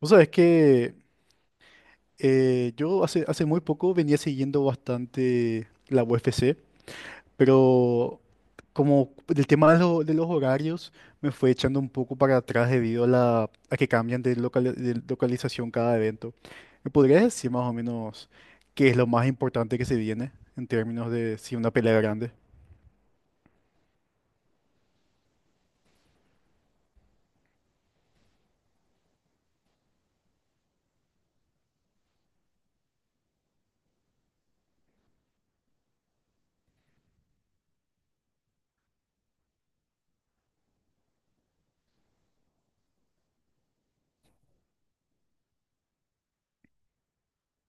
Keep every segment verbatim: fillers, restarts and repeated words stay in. Vos sabés que eh, yo hace, hace muy poco venía siguiendo bastante la U F C, pero como el tema de, lo- de los horarios me fue echando un poco para atrás debido a, la, a que cambian de, local de localización cada evento. ¿Me podrías decir más o menos qué es lo más importante que se viene en términos de si una pelea grande?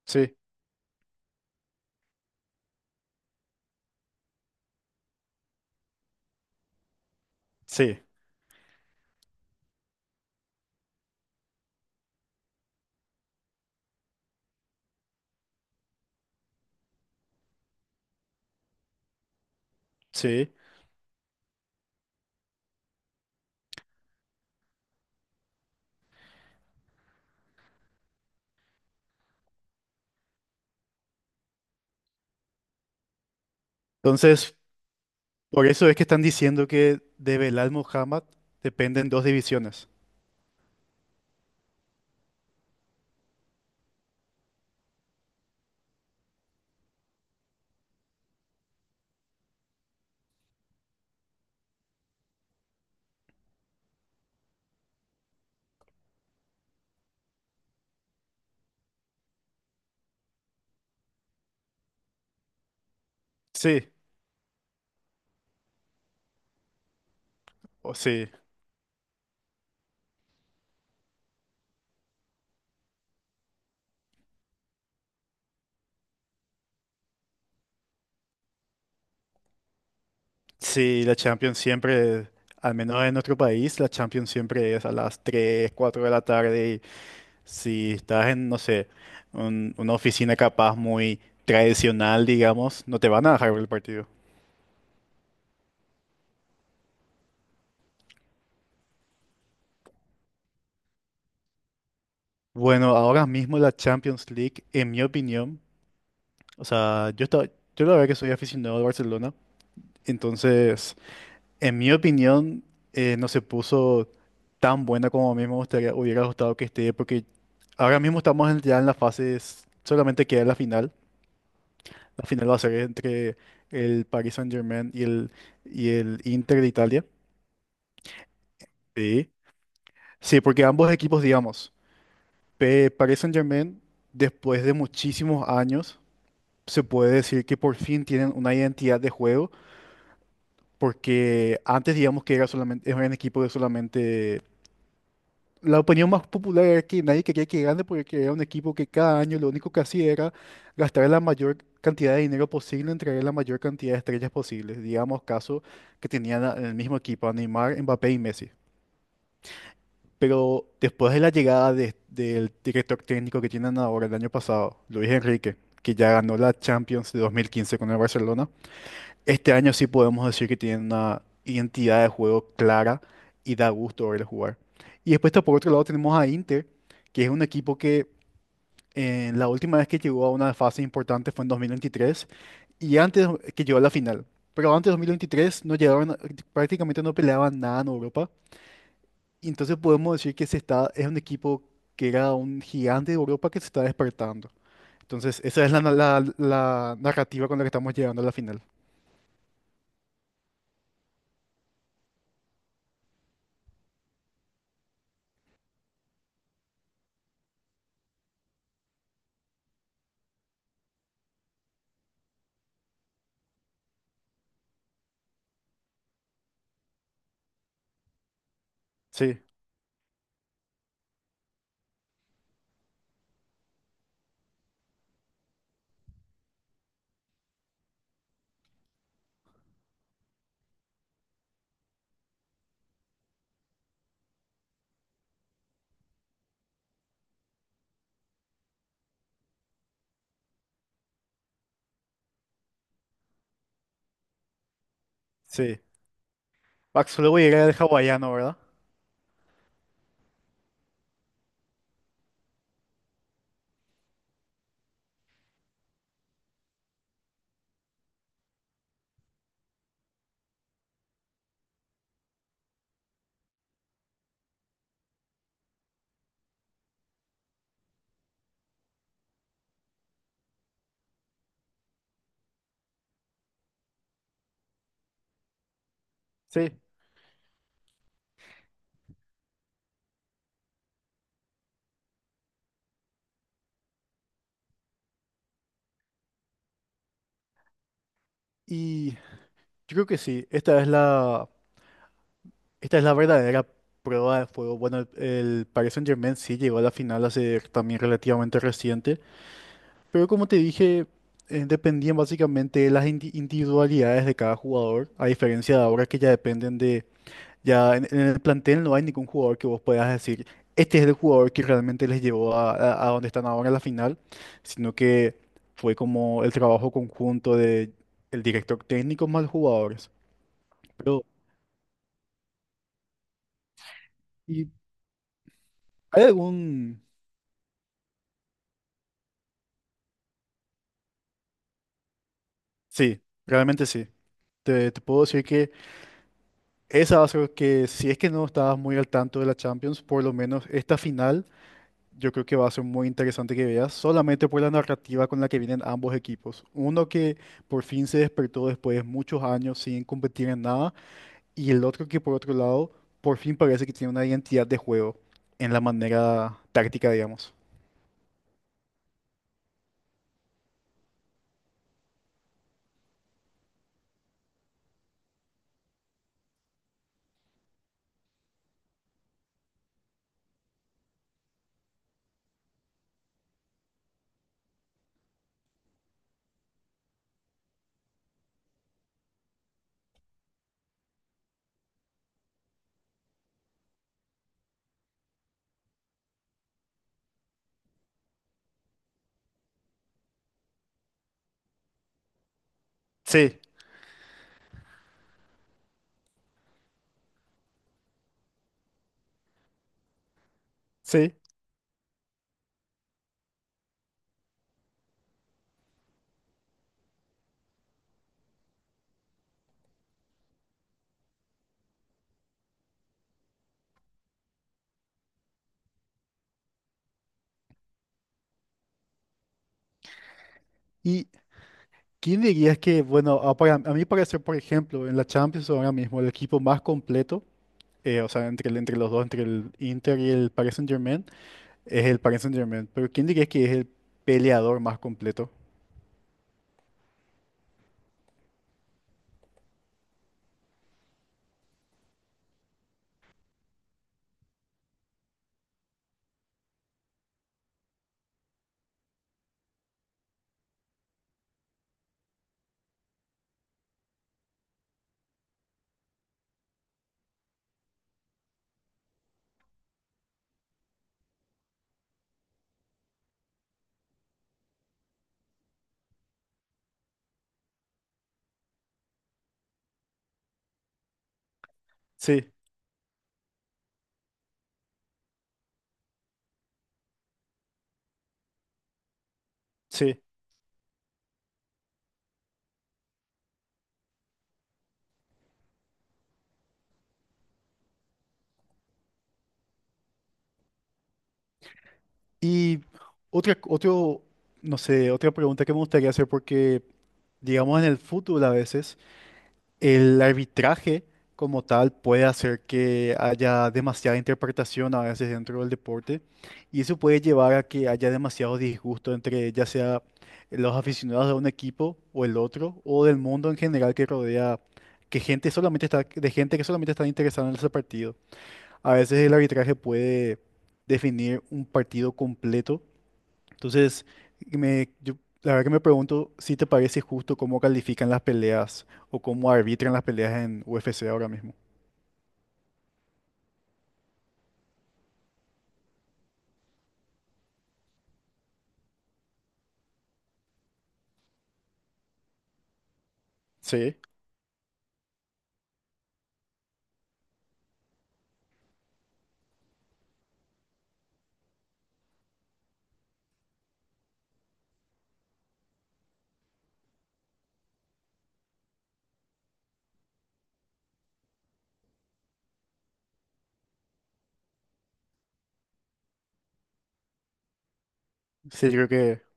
Sí, sí, sí. Entonces, por eso es que están diciendo que de Belal Muhammad dependen dos divisiones. Sí, o sí. Sí, la Champions siempre, al menos en nuestro país, la Champions siempre es a las tres, cuatro de la tarde y si estás en, no sé, un- una oficina capaz muy tradicional, digamos, no te van a dejar ver el partido. Bueno, ahora mismo la Champions League, en mi opinión, o sea, yo, estaba, yo la verdad que soy aficionado al Barcelona, entonces. En mi opinión, eh, no se puso tan buena como a mí me gustaría, hubiera gustado que esté, porque ahora mismo estamos en- ya en la fase, s- solamente queda la final. La final va a ser entre el Paris Saint-Germain y el, y el Inter de Italia. Sí. Sí, porque ambos equipos, digamos, pe- Paris Saint-Germain, después de muchísimos años, se puede decir que por fin tienen una identidad de juego, porque antes, digamos, que era solamente, era un equipo que solamente la opinión más popular era que nadie quería que gane porque era un equipo que cada año lo único que hacía era gastar la mayor cantidad de dinero posible en traer la mayor cantidad de estrellas posibles. Digamos, caso que tenían a- el mismo equipo a Neymar, Mbappé y Messi. Pero después de la llegada de- del director técnico que tienen ahora el año pasado, Luis Enrique, que ya ganó la Champions de dos mil quince con el Barcelona, este año sí podemos decir que tiene una identidad de juego clara y da gusto verle jugar. Y después está por otro lado tenemos a Inter, que es un equipo que eh, la última vez que llegó a una fase importante fue en dos mil veintitrés y antes que llegó a la final. Pero antes de dos mil veintitrés no llegaron, a- prácticamente no peleaban nada en Europa. Y entonces podemos decir que se está, es un equipo que era un gigante de Europa que se está despertando. Entonces esa es la, la la narrativa con la que estamos llegando a la final. Sí, sí. Max Holloway era el hawaiano, ¿verdad? Sí. Y yo creo que sí, esta es la, esta es la verdadera prueba de fuego. Bueno, el, el Paris Saint-Germain sí llegó a la final hace también relativamente reciente, pero como te dije, eh, dependían básicamente de las indi- individualidades de cada jugador, a diferencia de ahora que ya dependen de. Ya en, en el plantel no hay ningún jugador que vos puedas decir, este es el jugador que realmente les llevó a, a- a donde están ahora en la final, sino que fue como el trabajo conjunto de el director técnico más los jugadores. Pero, ¿y hay algún...? Sí, realmente sí. Te, te puedo decir que esa va a ser que si es que no estabas muy al tanto de la Champions, por lo menos esta final. Yo creo que va a ser muy interesante que veas, solamente por la narrativa con la que vienen ambos equipos. Uno que por fin se despertó después de muchos años sin competir en nada, y el otro que por otro lado, por fin parece que tiene una identidad de juego en la manera táctica, digamos. Sí, sí. ¿Y quién dirías que, bueno, a, para- a mi parecer, por ejemplo, en la Champions ahora mismo, el equipo más completo, eh, o sea, entre, el- entre los dos, entre el Inter y el Paris Saint-Germain, es el Paris Saint-Germain. Pero ¿quién dirías que es el peleador más completo? Sí, sí. Y otra, otro, no sé, otra pregunta que me gustaría hacer porque, digamos, en el fútbol a veces el arbitraje como tal puede hacer que haya demasiada interpretación a veces dentro del deporte y eso puede llevar a que haya demasiado disgusto entre ya sea los aficionados de un equipo o el otro o del mundo en general que rodea, que gente solamente está, de gente que solamente está interesada en ese partido. A veces el arbitraje puede definir un partido completo. Entonces, me- yo, la verdad que me pregunto si te parece justo cómo califican las peleas o cómo arbitran las peleas en U F C ahora mismo. Sí, sí, yo creo que...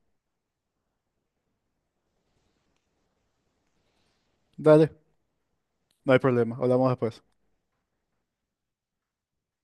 Dale, no hay problema. Hablamos después.